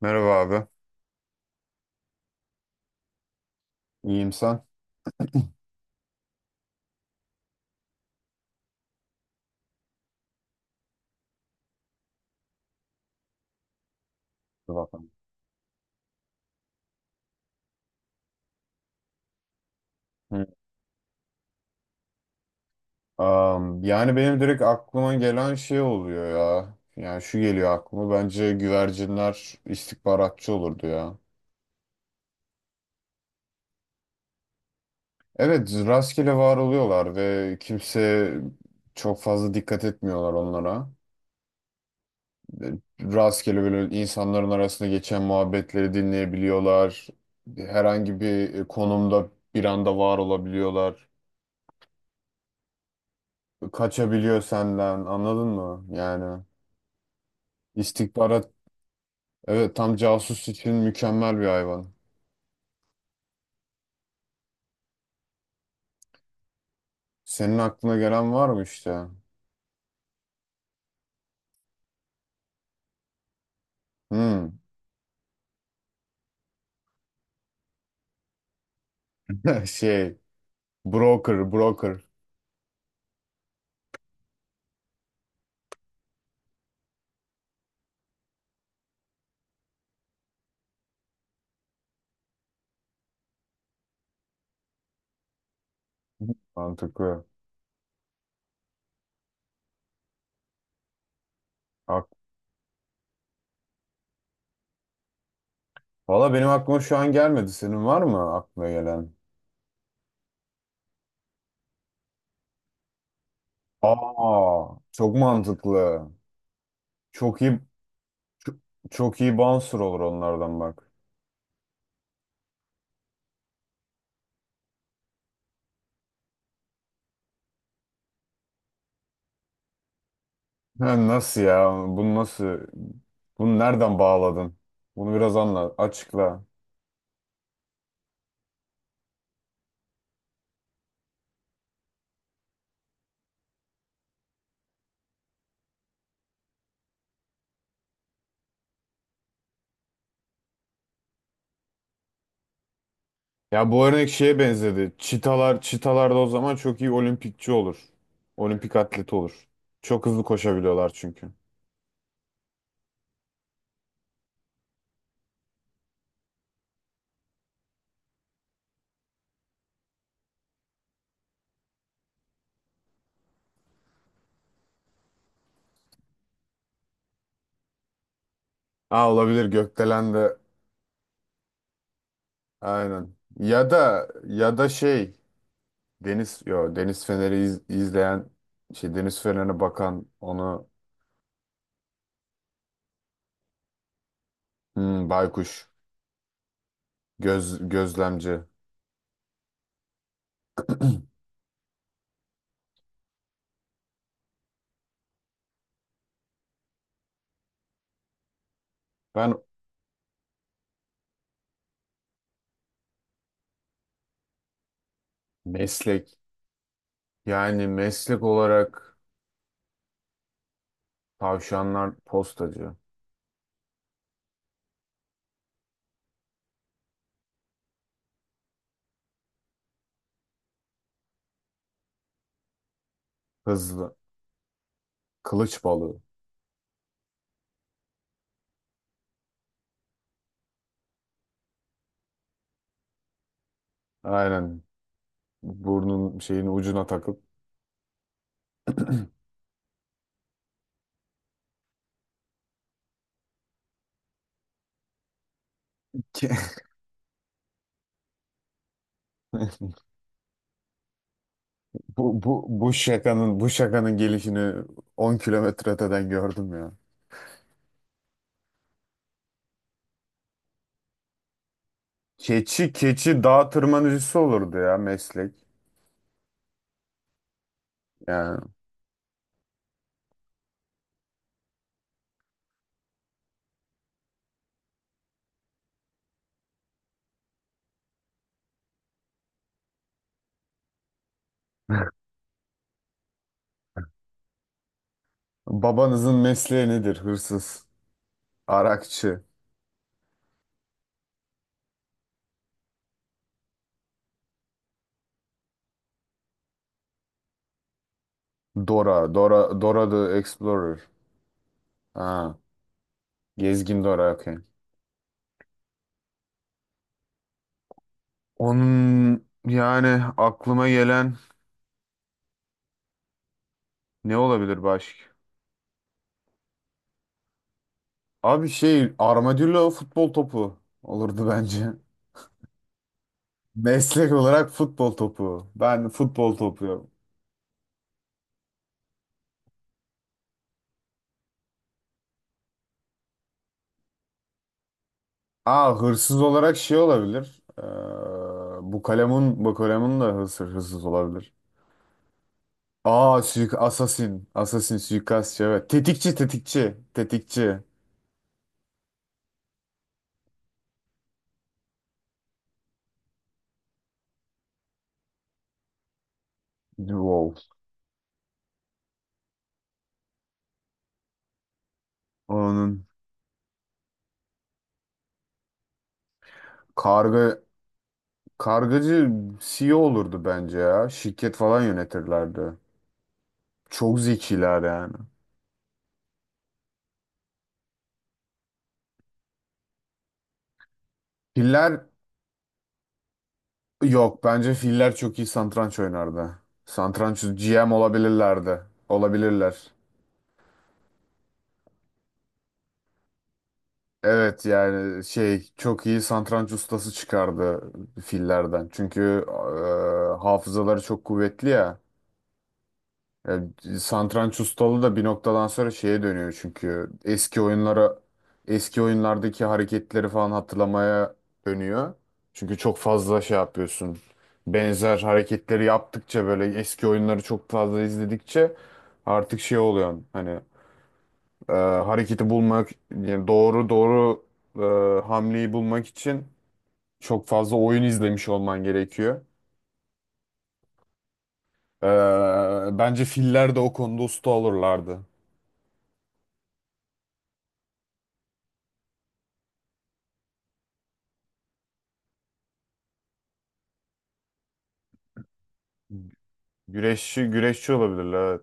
Merhaba abi. İyiyim sen? Zaten. Hı. Yani benim direkt aklıma gelen şey oluyor ya. Yani şu geliyor aklıma. Bence güvercinler istihbaratçı olurdu ya. Evet, rastgele var oluyorlar ve kimse çok fazla dikkat etmiyorlar onlara. E, Rastgele böyle insanların arasında geçen muhabbetleri dinleyebiliyorlar. Herhangi bir konumda bir anda var olabiliyorlar. Kaçabiliyor senden, anladın mı? Yani. İstihbarat. Evet, tam casus için mükemmel bir hayvan. Senin aklına gelen var mı işte? Hmm. Şey, broker. Mantıklı. Ak. Valla benim aklıma şu an gelmedi. Senin var mı aklına gelen? Aa, çok mantıklı. Çok iyi, çok, çok iyi bouncer olur onlardan bak. Ha, nasıl ya? Bunu nasıl? Bunu nereden bağladın? Bunu biraz anla, açıkla. Ya bu örnek şeye benzedi. Çitalar da o zaman çok iyi olimpikçi olur. Olimpik atleti olur. Çok hızlı koşabiliyorlar çünkü. Aa, olabilir, gökdelen de aynen. Ya da ya da şey, deniz yo deniz feneri iz- izleyen şey, deniz fenerine bakan onu. Hmm, baykuş göz gözlemci. Ben meslek, yani meslek olarak tavşanlar postacı, hızlı, kılıç balığı. Aynen. Burnun şeyin ucuna takıp. Bu şakanın, bu şakanın gelişini 10 kilometre öteden gördüm ya. Keçi, keçi dağ tırmanıcısı olurdu ya, meslek. Yani. Babanızın mesleği nedir? Hırsız, arakçı. Dora, Dora the Explorer. Ha, gezgin Dora, okey. Onun, yani aklıma gelen ne olabilir başka? Abi, şey, armadillo futbol topu olurdu bence. Meslek olarak futbol topu. Ben futbol topu. Aa, hırsız olarak şey olabilir. Bu kalemun, bu kalemun da hırsız, hırsız olabilir. Aa, suik asasin. Asasin suikastçı, evet. Tetikçi. Tetikçi. Wow. Onun karga kargacı CEO olurdu bence ya. Şirket falan yönetirlerdi. Çok zekiler yani. Piller. Yok, bence filler çok iyi satranç oynardı. Satranç GM olabilirlerdi. Olabilirler. Evet, yani şey, çok iyi satranç ustası çıkardı fillerden. Çünkü hafızaları çok kuvvetli ya. Ya, satranç ustalığı da bir noktadan sonra şeye dönüyor, çünkü eski oyunlara, eski oyunlardaki hareketleri falan hatırlamaya dönüyor. Çünkü çok fazla şey yapıyorsun. Benzer hareketleri yaptıkça, böyle eski oyunları çok fazla izledikçe artık şey oluyor, hani hareketi bulmak, yani doğru, doğru hamleyi bulmak için çok fazla oyun izlemiş olman gerekiyor. E, bence filler de o konuda usta olurlardı. Güreşçi olabilirler, evet.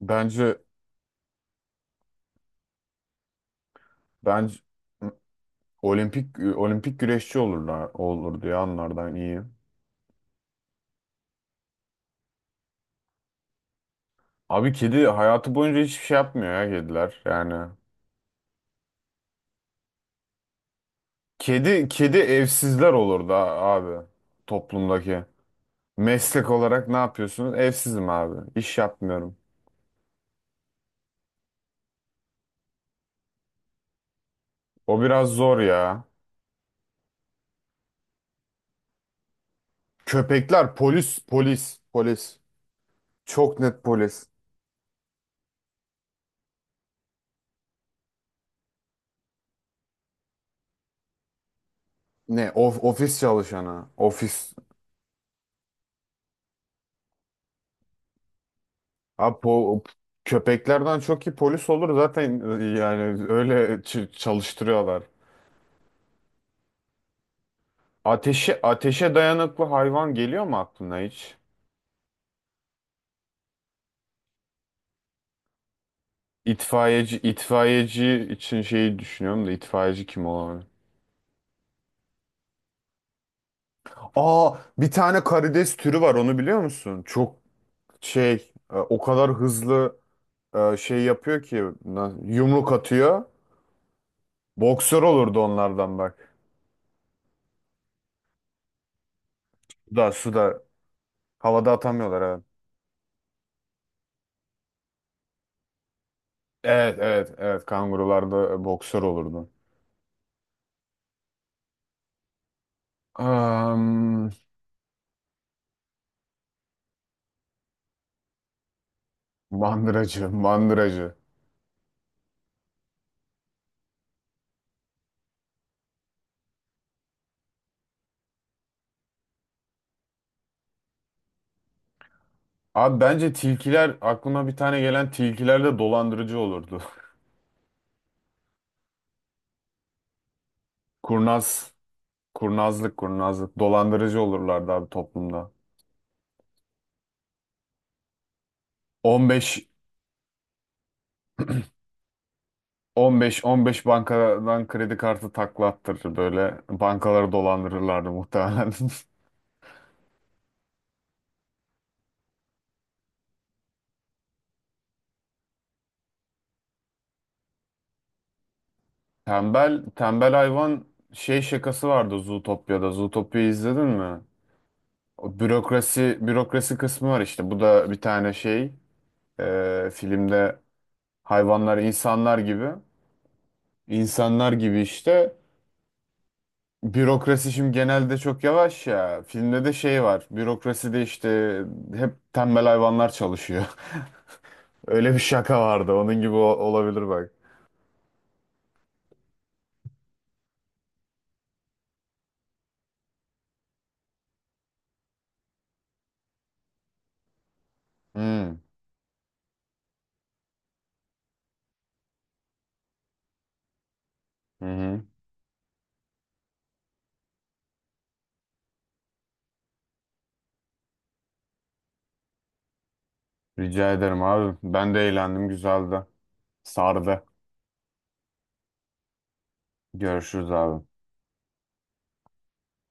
Bence, bence olimpik güreşçi olurlar, olur diye, anlardan iyi. Abi, kedi hayatı boyunca hiçbir şey yapmıyor ya kediler yani. Kedi evsizler olur da abi, toplumdaki. Meslek olarak ne yapıyorsunuz? Evsizim abi. İş yapmıyorum. O biraz zor ya. Köpekler polis, polis. Çok net polis. Ne of, ofis çalışanı. Ofis. Abi po-, köpeklerden çok iyi polis olur zaten, yani öyle ç- çalıştırıyorlar. Ateşe, ateşe dayanıklı hayvan geliyor mu aklına hiç? İtfaiyeci, itfaiyeci için şeyi düşünüyorum da, itfaiyeci kim olabilir? Aa, bir tane karides türü var, onu biliyor musun? Çok şey, o kadar hızlı şey yapıyor ki, na- yumruk atıyor. Boksör olurdu onlardan bak. Suda havada atamıyorlar, evet. Evet, evet, evet, kangurularda boksör olurdu. Am, mandıracı. Mandıracı. Abi, bence tilkiler, aklıma bir tane gelen, tilkiler de dolandırıcı olurdu. Kurnaz, kurnazlık dolandırıcı olurlardı abi, toplumda. 15 15 bankadan kredi kartı taklattırır, böyle bankaları dolandırırlardı muhtemelen. Tembel, tembel hayvan şey şakası vardı Zootopya'da. Zootopia'yı izledin mi? O bürokrasi, bürokrasi kısmı var işte. Bu da bir tane şey, filmde hayvanlar insanlar gibi. İnsanlar gibi işte. Bürokrasi şimdi genelde çok yavaş ya. Filmde de şey var. Bürokraside işte hep tembel hayvanlar çalışıyor. Öyle bir şaka vardı. Onun gibi o- olabilir bak. Hmm. Hı hı. Rica ederim abi. Ben de eğlendim. Güzeldi. Sardı. Görüşürüz abi.